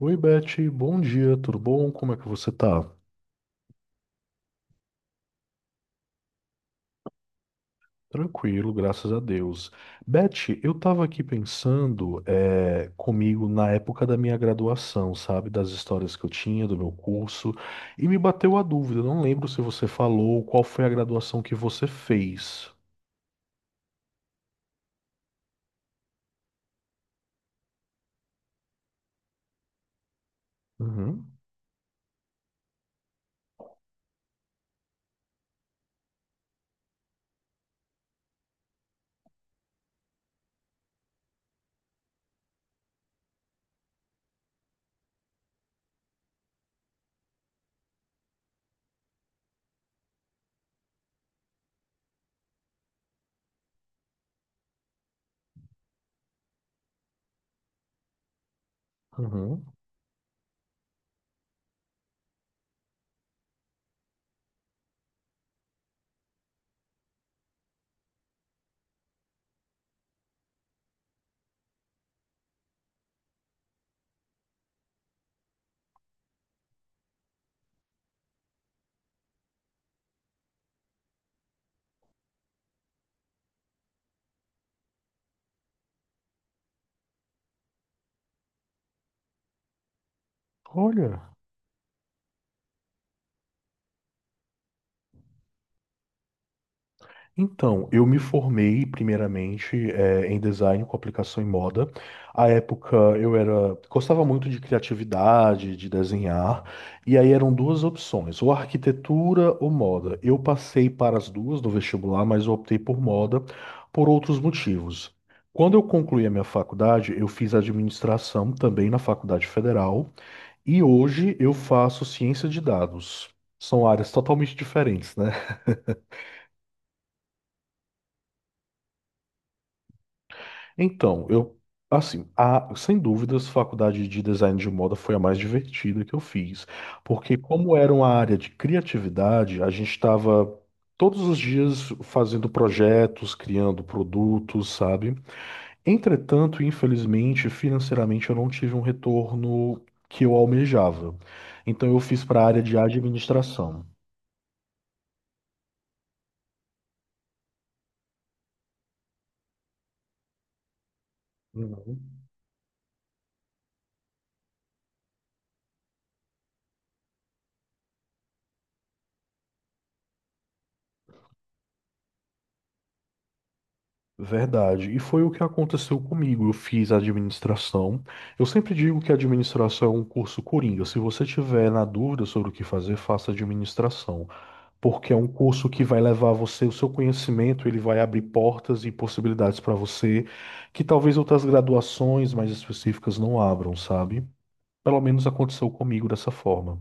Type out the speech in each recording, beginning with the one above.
Oi, Beth, bom dia, tudo bom? Como é que você tá? Tranquilo, graças a Deus. Beth, eu tava aqui pensando comigo na época da minha graduação, sabe? Das histórias que eu tinha, do meu curso, e me bateu a dúvida, eu não lembro se você falou qual foi a graduação que você fez. Uhum, uhum. Olha. Então, eu me formei primeiramente em design com aplicação em moda. À época eu era gostava muito de criatividade, de desenhar, e aí eram duas opções, ou arquitetura ou moda. Eu passei para as duas no vestibular, mas eu optei por moda por outros motivos. Quando eu concluí a minha faculdade, eu fiz administração também na Faculdade Federal, e hoje eu faço ciência de dados. São áreas totalmente diferentes, né? Então, assim, a, sem dúvidas, faculdade de design de moda foi a mais divertida que eu fiz, porque como era uma área de criatividade, a gente estava todos os dias fazendo projetos, criando produtos, sabe? Entretanto, infelizmente, financeiramente, eu não tive um retorno que eu almejava. Então, eu fiz para a área de administração. Uhum. Verdade. E foi o que aconteceu comigo. Eu fiz administração. Eu sempre digo que administração é um curso coringa. Se você tiver na dúvida sobre o que fazer, faça administração, porque é um curso que vai levar você, o seu conhecimento, ele vai abrir portas e possibilidades para você que talvez outras graduações mais específicas não abram, sabe? Pelo menos aconteceu comigo dessa forma.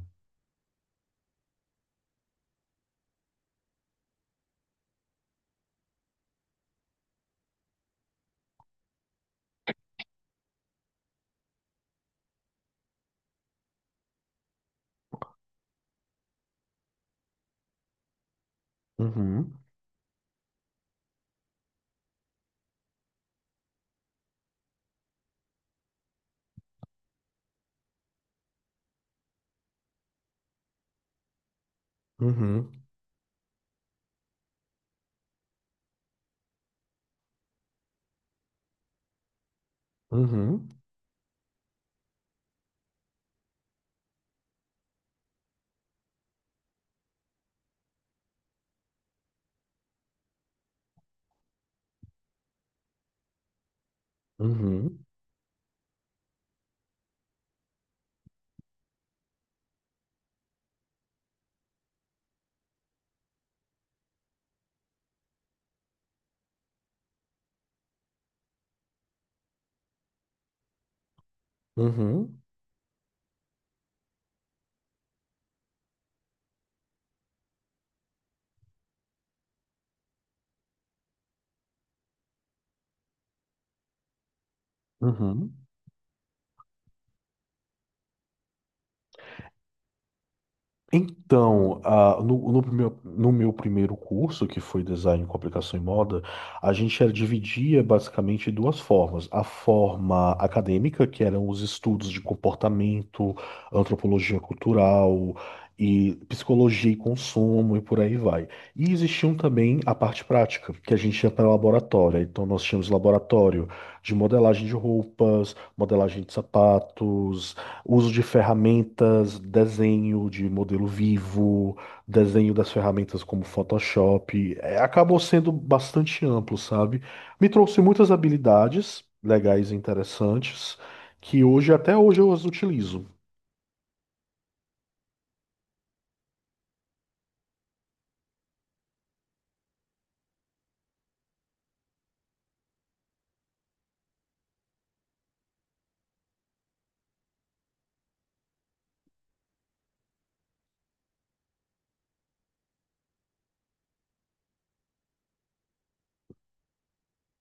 Uhum, uhum, uhum, uhum, uhum, uhum, uhum. Então, ah, no meu primeiro curso, que foi Design, Comunicação e Moda, dividia basicamente em duas formas. A forma acadêmica, que eram os estudos de comportamento, antropologia cultural e psicologia e consumo e por aí vai. E existiam também a parte prática, que a gente ia para o laboratório. Então, nós tínhamos laboratório de modelagem de roupas, modelagem de sapatos. Uso de ferramentas, desenho de modelo vivo, desenho das ferramentas como Photoshop, é, acabou sendo bastante amplo, sabe? Me trouxe muitas habilidades legais e interessantes que hoje, até hoje, eu as utilizo.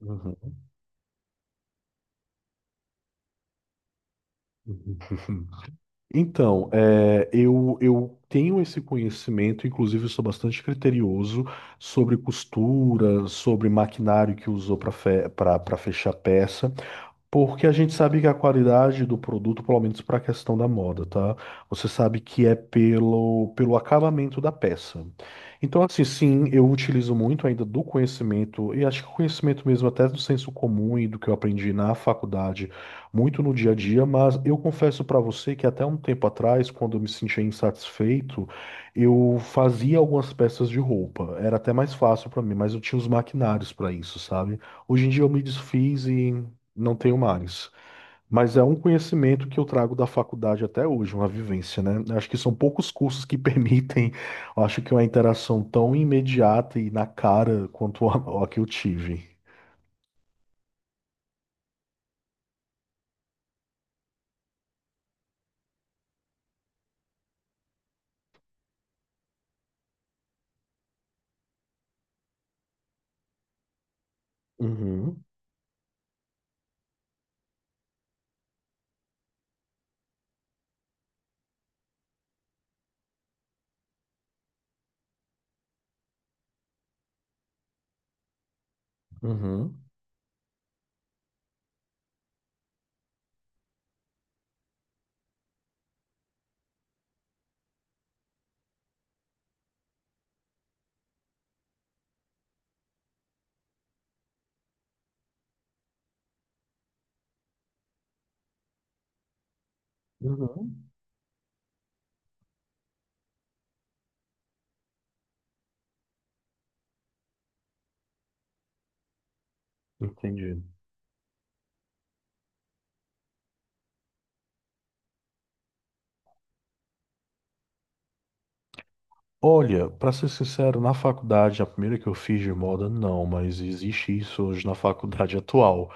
Uhum. Então, eu tenho esse conhecimento, inclusive eu sou bastante criterioso sobre costura, sobre maquinário que usou para fechar peça. Porque a gente sabe que a qualidade do produto, pelo menos para a questão da moda, tá? Você sabe que é pelo acabamento da peça. Então, assim, sim, eu utilizo muito ainda do conhecimento, e acho que o conhecimento mesmo até do senso comum e do que eu aprendi na faculdade, muito no dia a dia, mas eu confesso para você que até um tempo atrás, quando eu me sentia insatisfeito, eu fazia algumas peças de roupa. Era até mais fácil para mim, mas eu tinha os maquinários para isso, sabe? Hoje em dia eu me desfiz e. Não tenho mares. Mas é um conhecimento que eu trago da faculdade até hoje, uma vivência, né? Eu acho que são poucos cursos que permitem, eu acho que uma interação tão imediata e na cara quanto a que eu tive. Uhum, uhum, uhum. Entendi. Olha, para ser sincero, na faculdade, a primeira que eu fiz de moda, não, mas existe isso hoje na faculdade atual.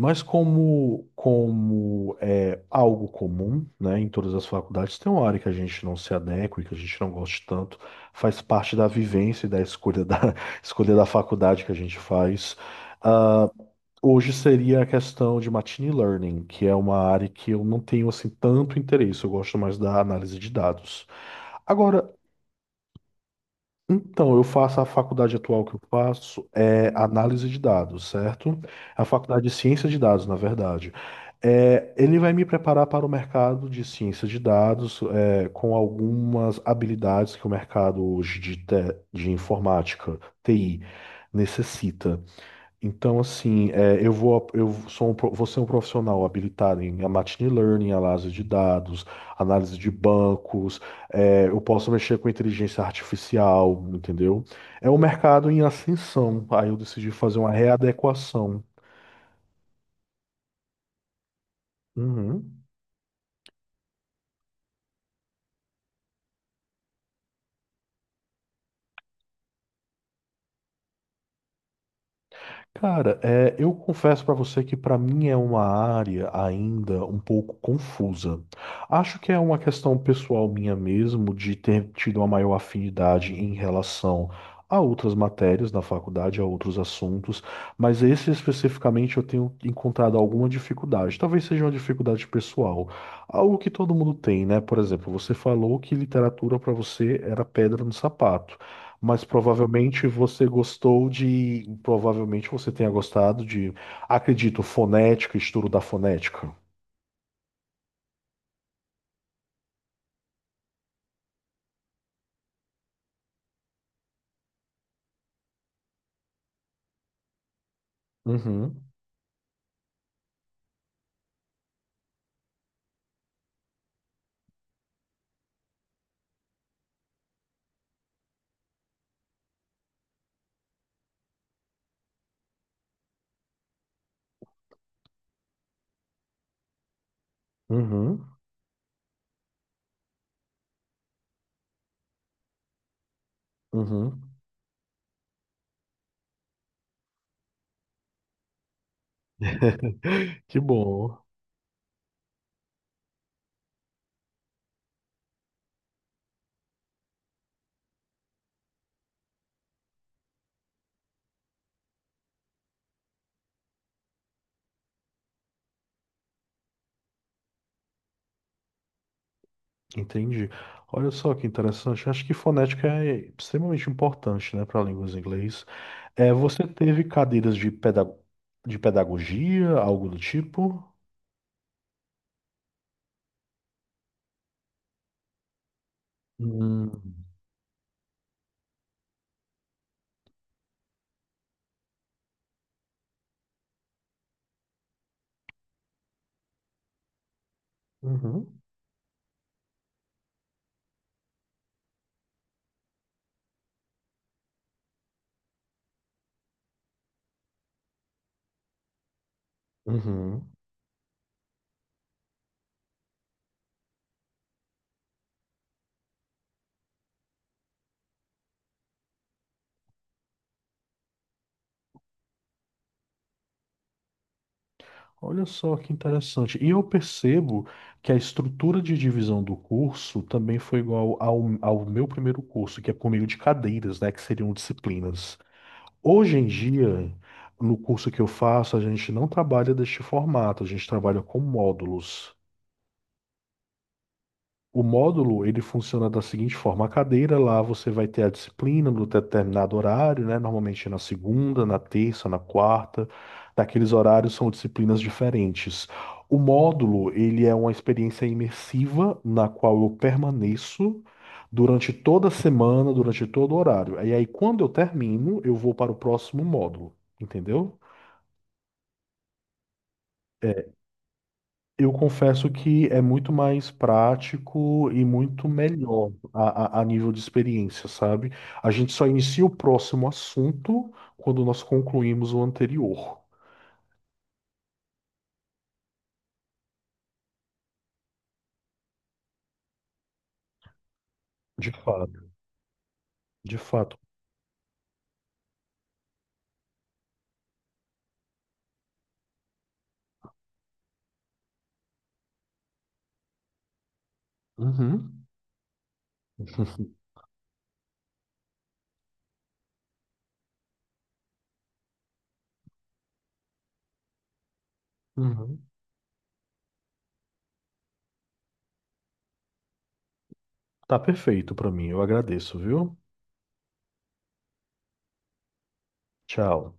Mas como é algo comum, né, em todas as faculdades, tem uma área que a gente não se adequa e que a gente não goste tanto, faz parte da vivência e da escolha da faculdade que a gente faz. Hoje seria a questão de machine learning, que é uma área que eu não tenho assim tanto interesse, eu gosto mais da análise de dados. Agora, então, eu faço a faculdade atual que eu faço é análise de dados, certo? A faculdade de ciência de dados, na verdade. É, ele vai me preparar para o mercado de ciência de dados, é, com algumas habilidades que o mercado hoje de, de informática, TI, necessita. Então, assim, eu sou vou ser um profissional habilitado em machine learning, análise de dados, análise de bancos, é, eu posso mexer com inteligência artificial, entendeu? É um mercado em ascensão, aí eu decidi fazer uma readequação. Uhum. Cara, é, eu confesso pra você que pra mim é uma área ainda um pouco confusa. Acho que é uma questão pessoal minha mesmo de ter tido uma maior afinidade em relação a outras matérias na faculdade, a outros assuntos, mas esse especificamente eu tenho encontrado alguma dificuldade. Talvez seja uma dificuldade pessoal, algo que todo mundo tem, né? Por exemplo, você falou que literatura pra você era pedra no sapato. Mas provavelmente você gostou de. Provavelmente você tenha gostado de. Acredito, fonética, estudo da fonética. Uhum, uhum, uhum. Que bom. Entendi. Olha só que interessante. Acho que fonética é extremamente importante, né, para línguas em inglês. É, você teve cadeiras de de pedagogia, algo do tipo? Hum. Uhum. Uhum. Olha só que interessante. E eu percebo que a estrutura de divisão do curso também foi igual ao meu primeiro curso, que é por meio de cadeiras, né, que seriam disciplinas. Hoje em dia, no curso que eu faço, a gente não trabalha deste formato, a gente trabalha com módulos. O módulo, ele funciona da seguinte forma: a cadeira lá você vai ter a disciplina no determinado horário, né? Normalmente na segunda, na terça, na quarta. Naqueles horários são disciplinas diferentes. O módulo, ele é uma experiência imersiva na qual eu permaneço durante toda a semana, durante todo o horário. E aí, quando eu termino, eu vou para o próximo módulo, entendeu? É, eu confesso que é muito mais prático e muito melhor a nível de experiência, sabe? A gente só inicia o próximo assunto quando nós concluímos o anterior. De fato, de fato. Uhum. Uhum. Tá perfeito pra mim, eu agradeço, viu? Tchau.